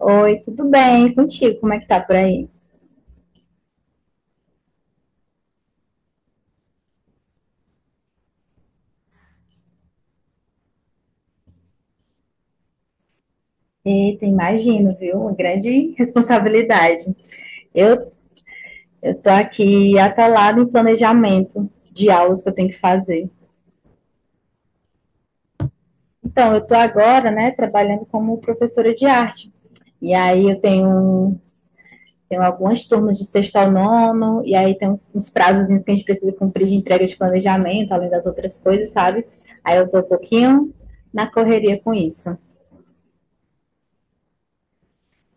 Oi, tudo bem? E contigo? Como é que tá por aí? Eita, imagino, viu? Uma grande responsabilidade. Eu, eu tô aqui atalado em planejamento de aulas que eu tenho que fazer. Então, eu tô agora, né, trabalhando como professora de arte. E aí eu tenho algumas turmas de sexto ao nono, e aí tem uns prazos que a gente precisa cumprir de entrega de planejamento, além das outras coisas, sabe? Aí eu tô um pouquinho na correria com isso.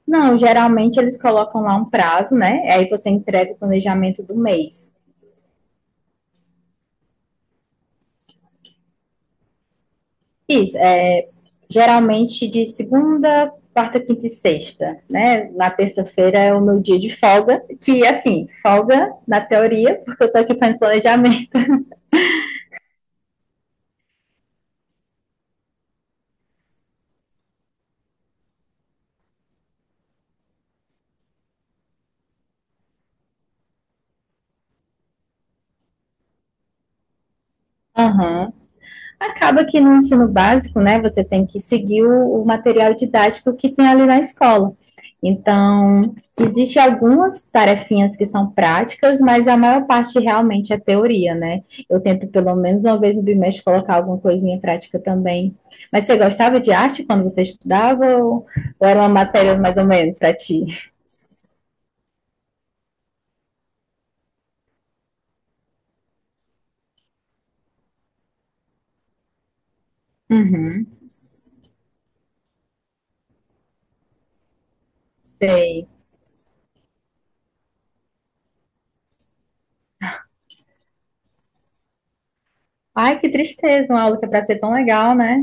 Não, geralmente eles colocam lá um prazo, né? Aí você entrega o planejamento do mês. Isso, é, geralmente de segunda, quarta, quinta e sexta, né? Na terça-feira é o meu dia de folga, que assim, folga na teoria, porque eu tô aqui fazendo planejamento. Aham. Acaba que no ensino básico, né, você tem que seguir o material didático que tem ali na escola. Então, existe algumas tarefinhas que são práticas, mas a maior parte realmente é teoria, né? Eu tento pelo menos uma vez no bimestre colocar alguma coisinha prática também. Mas você gostava de arte quando você estudava ou era uma matéria mais ou menos para ti? Uhum. Sei. Ai, que tristeza, uma aula que é para ser tão legal, né?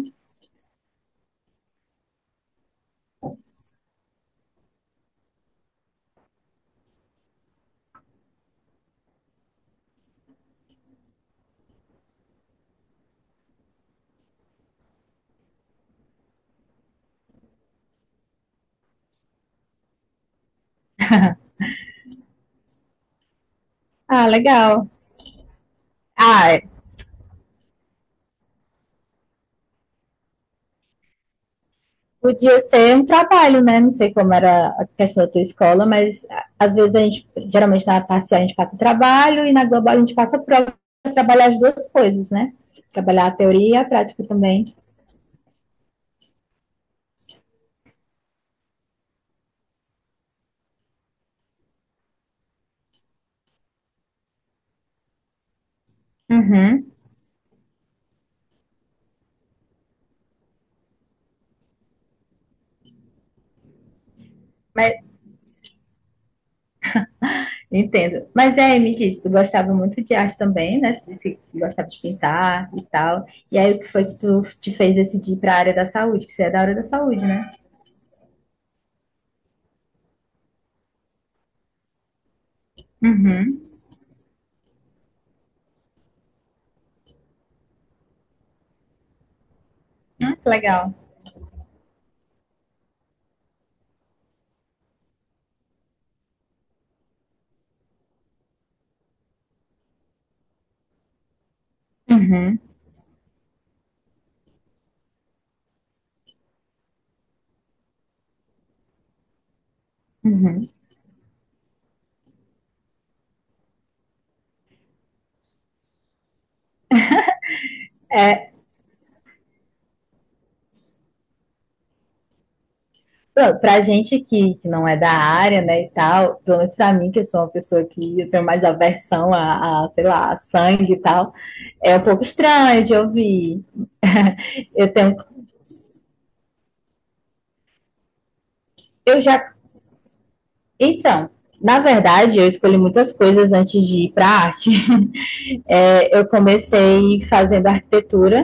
Ah, legal. Ah, podia ser um trabalho, né? Não sei como era a questão da tua escola, mas às vezes geralmente na parcial a gente passa trabalho e na global a gente passa prova para trabalhar as duas coisas, né? Trabalhar a teoria e a prática também. Uhum. Mas, entendo. Mas é, me disse, tu gostava muito de arte também, né? Tu disse que gostava de pintar e tal. E aí, o que foi que tu te fez decidir para a área da saúde? Que você é da área da saúde, né? Uhum. Ah, que legal. Uhum. Uhum. Pra gente que não é da área, né, e tal, pelo menos pra mim, que eu sou uma pessoa que eu tenho mais aversão a, sei lá, a sangue e tal, é um pouco estranho de ouvir. Eu tenho. Eu já. Então, na verdade, eu escolhi muitas coisas antes de ir pra arte. É, eu comecei fazendo arquitetura.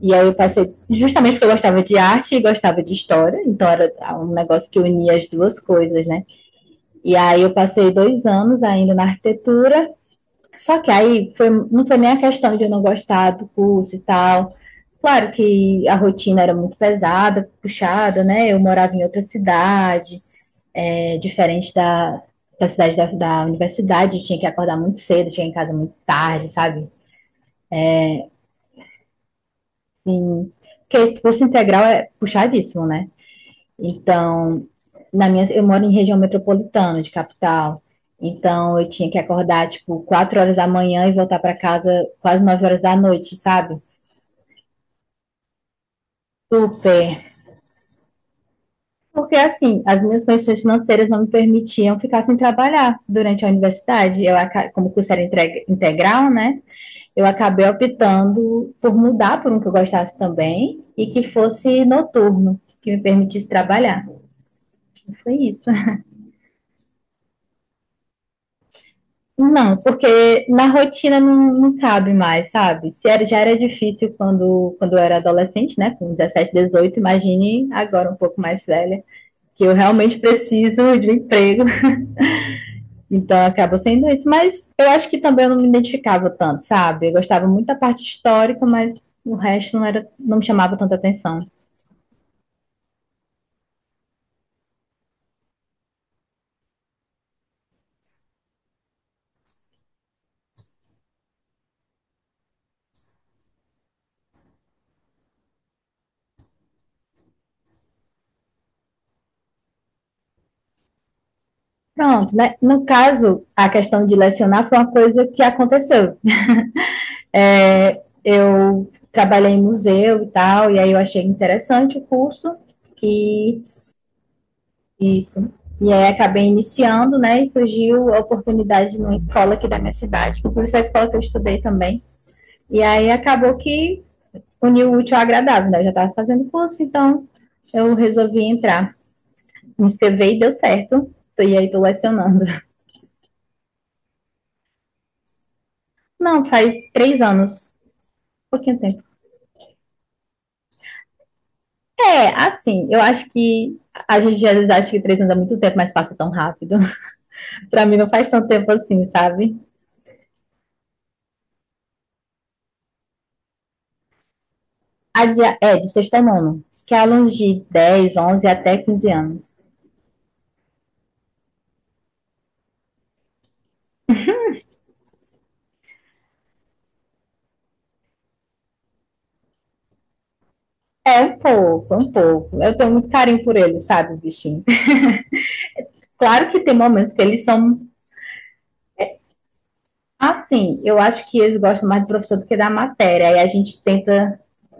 E aí eu passei justamente porque eu gostava de arte e gostava de história, então era é um negócio que unia as duas coisas, né? E aí eu passei 2 anos ainda na arquitetura. Só que aí não foi nem a questão de eu não gostar do curso e tal. Claro que a rotina era muito pesada, puxada, né? Eu morava em outra cidade, é, diferente da cidade da universidade, eu tinha que acordar muito cedo, tinha em casa muito tarde, sabe? Assim, porque curso integral é puxadíssimo, né? Então, eu moro em região metropolitana de capital. Então, eu tinha que acordar, tipo, 4 horas da manhã e voltar para casa quase 9 horas da noite, sabe? Super Porque assim, as minhas condições financeiras não me permitiam ficar sem trabalhar durante a universidade. Como o curso era integral, né? Eu acabei optando por mudar por um que eu gostasse também e que fosse noturno, que me permitisse trabalhar. Foi isso. Não, porque na rotina não cabe mais, sabe? Se era, já era difícil quando eu era adolescente, né? Com 17, 18, imagine agora um pouco mais velha, que eu realmente preciso de um emprego. Então acaba sendo isso. Mas eu acho que também eu não me identificava tanto, sabe? Eu gostava muito da parte histórica, mas o resto não me chamava tanta atenção. Pronto, né? No caso, a questão de lecionar foi uma coisa que aconteceu. É, eu trabalhei em museu e tal, e aí eu achei interessante o curso e isso. E aí acabei iniciando, né? E surgiu a oportunidade numa escola aqui da minha cidade, que inclusive foi a escola que eu estudei também. E aí acabou que uniu o útil ao agradável, né? Eu já estava fazendo curso, então eu resolvi entrar. Me inscrevi e deu certo. E aí tô lecionando. Não, faz 3 anos. Pouquinho tempo. É, assim, eu acho que a gente às vezes acha que 3 anos é muito tempo, mas passa tão rápido. Pra mim não faz tanto tempo assim, sabe? Do sexto ao nono. Que é alunos de 10, 11 até 15 anos. É um pouco, é um pouco. Eu tenho muito carinho por eles, sabe, bichinho? Claro que tem momentos que eles são. Assim, eu acho que eles gostam mais do professor do que da matéria. Aí a gente tenta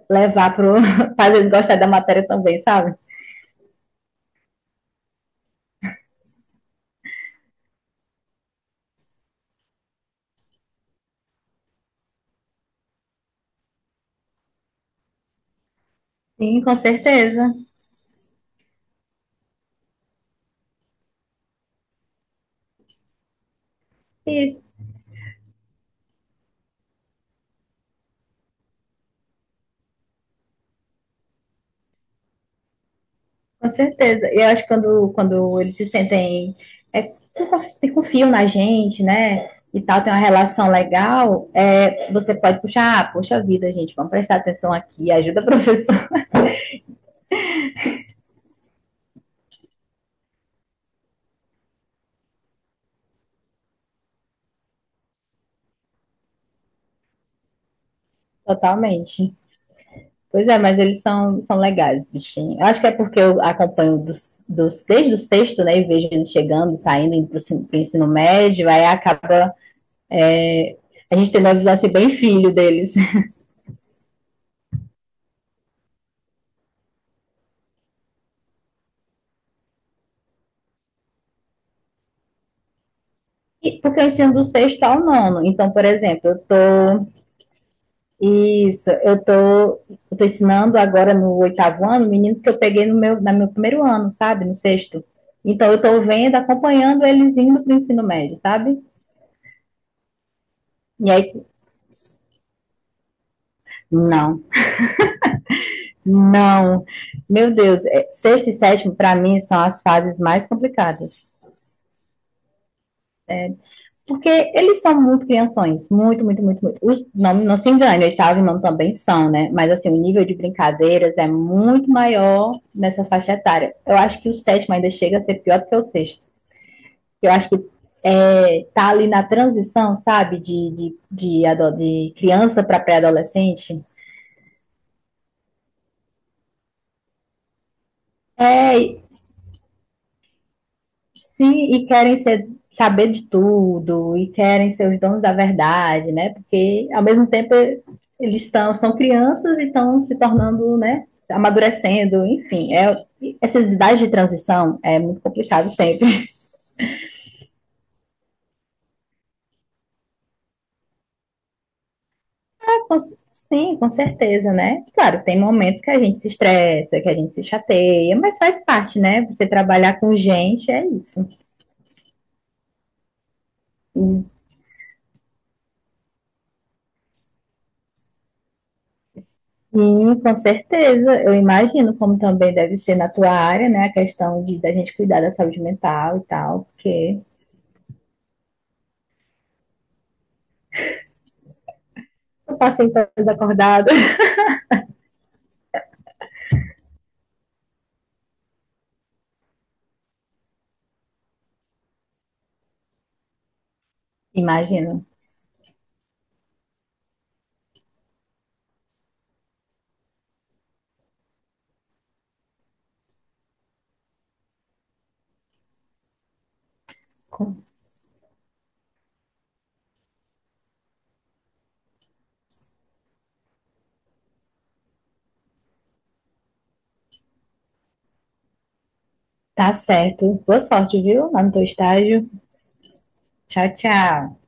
levar pro. Fazer eles gostar da matéria também, sabe? Sim, com certeza. Isso, com certeza. E eu acho que quando eles se sentem. É, se confiam na gente, né? E tal, tem uma relação legal, é, você pode puxar, ah, poxa vida, gente, vamos prestar atenção aqui, ajuda a professora. Totalmente. Pois é, mas eles são legais, bichinho. Eu acho que é porque eu acompanho desde o sexto, né? E vejo eles chegando, saindo, indo pro, ensino médio, aí acaba a gente tendo a visão assim, bem filho deles. E porque eu ensino do sexto ao nono. Então, por exemplo, eu tô. Isso, eu tô ensinando agora no oitavo ano meninos que eu peguei no meu primeiro ano, sabe? No sexto. Então, eu tô vendo, acompanhando eles indo para o ensino médio, sabe? E aí, não. Não, meu Deus, é, sexto e sétimo para mim são as fases mais complicadas, porque eles são muito crianções, muito, muito, muito, muito. Não, não se engane, oitavo e nono também são, né? Mas assim, o nível de brincadeiras é muito maior nessa faixa etária. Eu acho que o sétimo ainda chega a ser pior do que o sexto. Eu acho que é, tá ali na transição, sabe, de criança para pré-adolescente. É, sim, e saber de tudo, e querem ser os donos da verdade, né? Porque, ao mesmo tempo, eles são crianças e estão se tornando, né? Amadurecendo, enfim. É, essas idades de transição é muito complicado sempre. Sim, com certeza, né? Claro, tem momentos que a gente se estressa, que a gente se chateia, mas faz parte, né? Você trabalhar com gente é isso. Sim, com certeza. Eu imagino como também deve ser na tua área, né? A questão de da gente cuidar da saúde mental e tal, porque eu passei toda acordada. Imagino. Tá certo. Boa sorte, viu? Lá no teu estágio. Tchau, tchau.